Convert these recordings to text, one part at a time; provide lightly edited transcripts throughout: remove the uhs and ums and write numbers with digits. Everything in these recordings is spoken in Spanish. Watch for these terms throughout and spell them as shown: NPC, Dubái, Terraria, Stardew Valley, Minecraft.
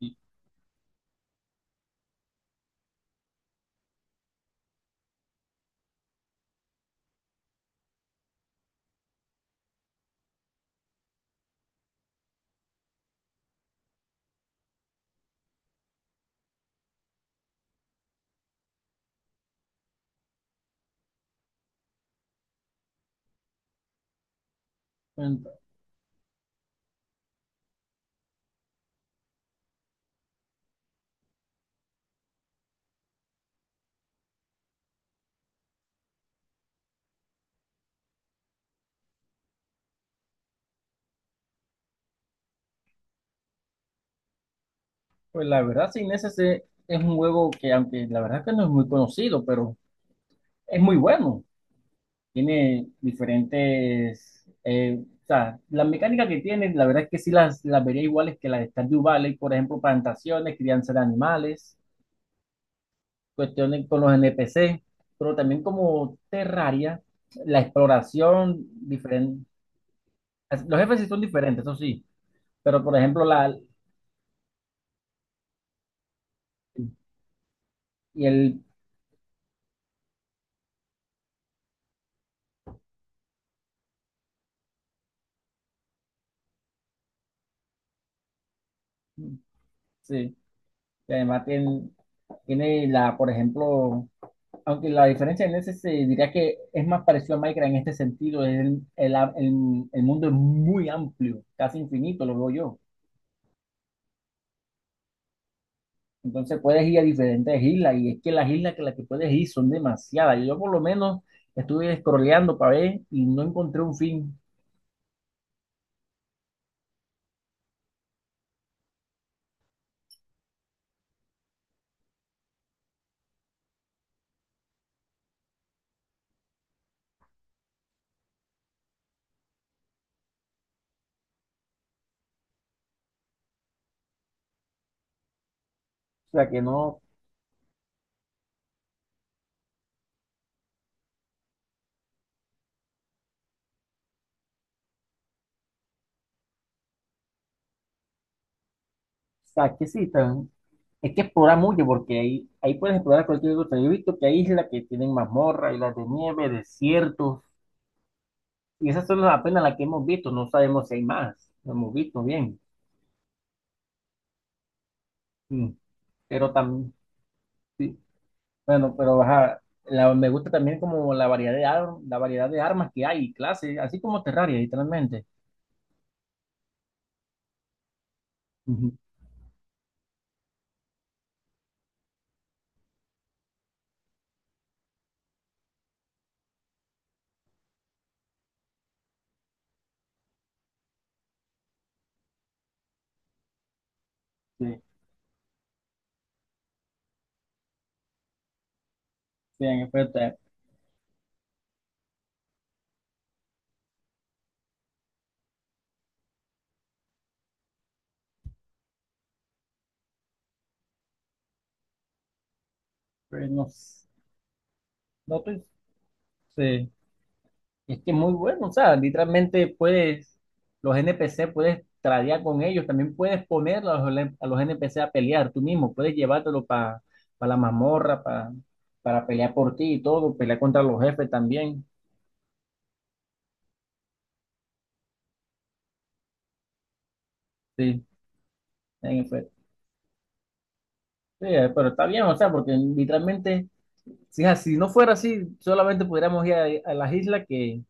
Y, mm, Pues la verdad, sí, Inés, ese es un juego que, aunque la verdad que no es muy conocido, pero es muy bueno. Tiene diferentes, o sea, las mecánicas que tiene, la verdad es que sí las vería iguales que las de Stardew Valley, por ejemplo, plantaciones, crianza de animales, cuestiones con los NPC, pero también como Terraria, la exploración, diferente. Los jefes sí son diferentes, eso sí, pero por ejemplo, y el, sí. Y además tiene, tiene la, por ejemplo, aunque la diferencia en ese se diría que es más parecido a Minecraft en este sentido, es el mundo es muy amplio, casi infinito, lo veo yo. Entonces puedes ir a diferentes islas y es que las islas que las que puedes ir son demasiadas. Yo por lo menos estuve scrolleando para ver y no encontré un fin. O sea que no, o sea que sí, es que explorar mucho porque ahí puedes explorar cualquier cosa. Yo he visto que hay islas que tienen mazmorra, islas de nieve, desiertos. Y esa solo es apenas la que hemos visto, no sabemos si hay más, no hemos visto bien. Mm. Pero también, sí, bueno, pero ajá, me gusta también como la variedad de, la variedad de armas que hay, y clases, así como Terraria, literalmente. Ujú. Sí, bien, pero, pero no, no estoy- sí. Es que muy bueno, o sea, literalmente puedes, los NPC puedes tradear con ellos, también puedes poner a los NPC a pelear tú mismo, puedes llevártelo para la mazmorra, para pelear por ti y todo, pelear contra los jefes también, sí, en efecto. Sí, pero está bien, o sea, porque literalmente, si, si no fuera así, solamente pudiéramos ir a las islas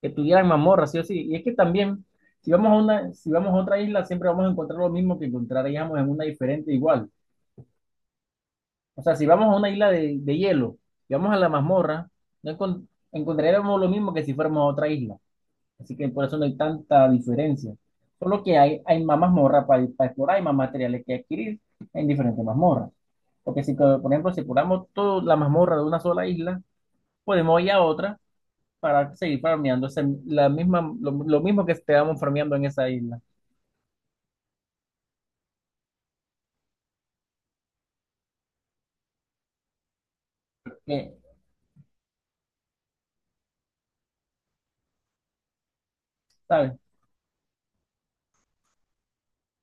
que tuvieran mazmorra, sí o sí, y es que también, si vamos a otra isla, siempre vamos a encontrar lo mismo que encontraríamos en una diferente igual. O sea, si vamos a una isla de hielo y vamos a la mazmorra, no encon- encontraríamos lo mismo que si fuéramos a otra isla. Así que por eso no hay tanta diferencia. Solo que hay más mazmorra para explorar, hay más materiales que adquirir en diferentes mazmorras. Porque si, por ejemplo, si exploramos toda la mazmorra de una sola isla, podemos ir a otra para seguir farmeando la misma, lo mismo que estábamos farmeando en esa isla. Que, ¿Sabes?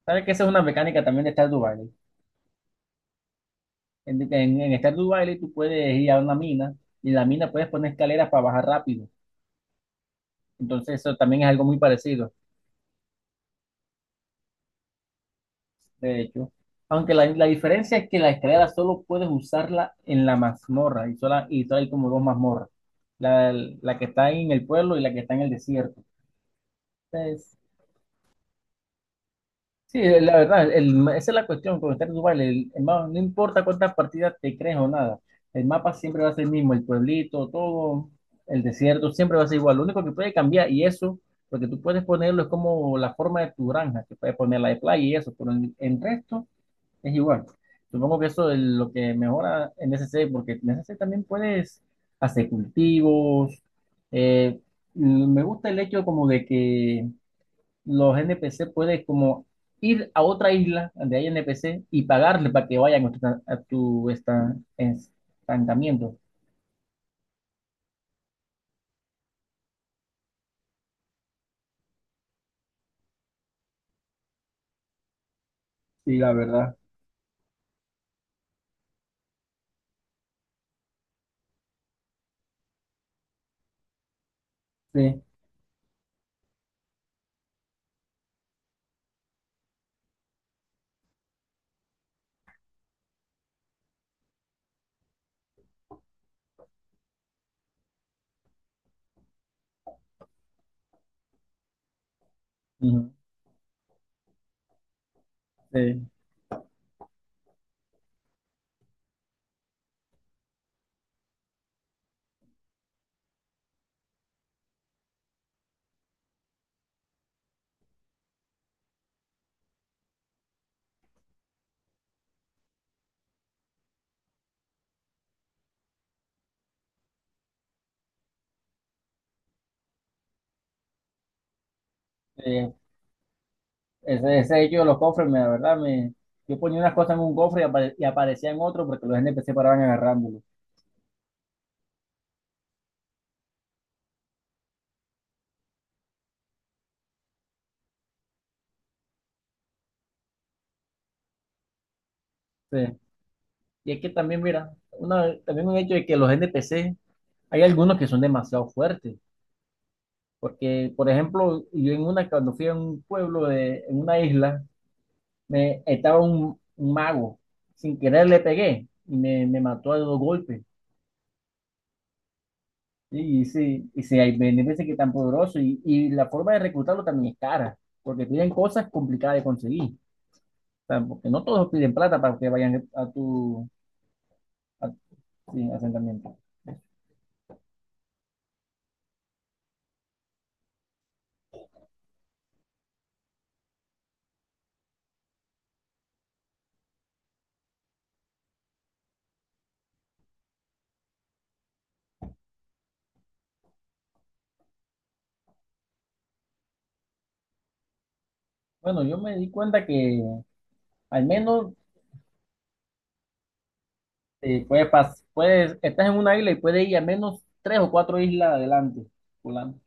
¿Sabes que esa es una mecánica también de Stardew Valley? En Stardew Valley tú puedes ir a una mina y en la mina puedes poner escaleras para bajar rápido. Entonces eso también es algo muy parecido, de hecho. Aunque la diferencia es que la escalera solo puedes usarla en la mazmorra y, sola, y solo hay como dos mazmorras. La, la que está en el pueblo y la que está en el desierto. Entonces, sí, la verdad, esa es la cuestión con estar en Dubái. No importa cuántas partidas te crees o nada, el mapa siempre va a ser el mismo, el pueblito, todo, el desierto, siempre va a ser igual. Lo único que puede cambiar, y eso, lo que tú puedes ponerlo es como la forma de tu granja, que puedes poner la de playa y eso, pero el resto es igual. Supongo que eso es lo que mejora en SC, porque en SC también puedes hacer cultivos. eh, Me gusta el hecho como de que los NPC puedes como ir a otra isla donde hay NPC y pagarle para que vayan a tu estancamiento. Sí, la verdad. Sí, ujú, sí, sí. Ese hecho de los cofres, me, la verdad, me, yo ponía unas cosas en un cofre y, y aparecían otros porque los NPC paraban agarrándolo. Sí. Y es que también, mira, también un hecho de que los NPC, hay algunos que son demasiado fuertes. Porque, por ejemplo, yo cuando fui a un pueblo, en una isla, me estaba un mago, sin querer le pegué y me mató a dos golpes. Y sí, hay beneficios que es tan poderoso y, la forma de reclutarlo también es cara, porque piden cosas complicadas de conseguir, o sea, porque no todos piden plata para que vayan a tu a- sí, asentamiento. Bueno, yo me di cuenta que al menos puedes, puedes, estás en una isla y puedes ir al menos tres o cuatro islas adelante, volando.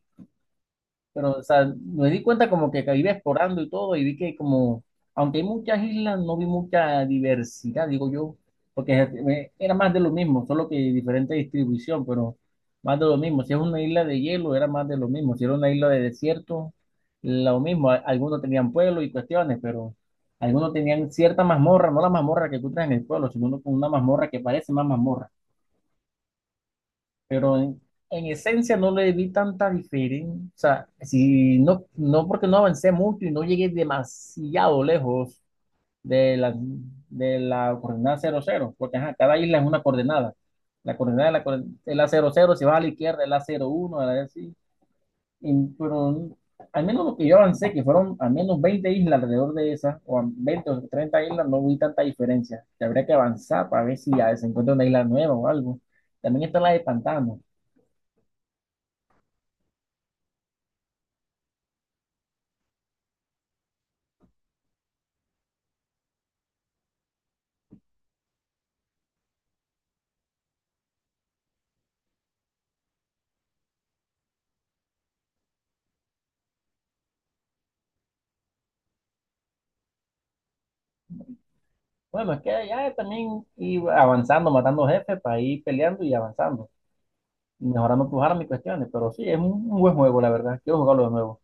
Pero, o sea, me di cuenta como que iba explorando y todo, y vi que como, aunque hay muchas islas, no vi mucha diversidad, digo yo, porque era más de lo mismo, solo que diferente distribución, pero más de lo mismo. Si es una isla de hielo, era más de lo mismo. Si era una isla de desierto, lo mismo. Algunos tenían pueblos y cuestiones, pero algunos tenían cierta mazmorra, no la mazmorra que tú traes en el pueblo, sino una mazmorra que parece más mazmorra. Pero en esencia no le vi tanta diferencia. O sea, si no, no porque no avancé mucho y no llegué demasiado lejos de de la coordenada 00 porque ajá, cada isla es una coordenada. La coordenada de de la 00, si vas a la izquierda, es la 01 a la así. Pero al menos lo que yo avancé, que fueron al menos 20 islas alrededor de esas, o a 20 o 30 islas, no vi tanta diferencia. Que Habría que avanzar para ver si ya se encuentra una isla nueva o algo. También está la de pantanos. Bueno, es que ya también ir avanzando, matando jefes para ir peleando y avanzando, mejorando tus armas y cuestiones. Pero sí, es un buen juego, la verdad. Quiero jugarlo de nuevo.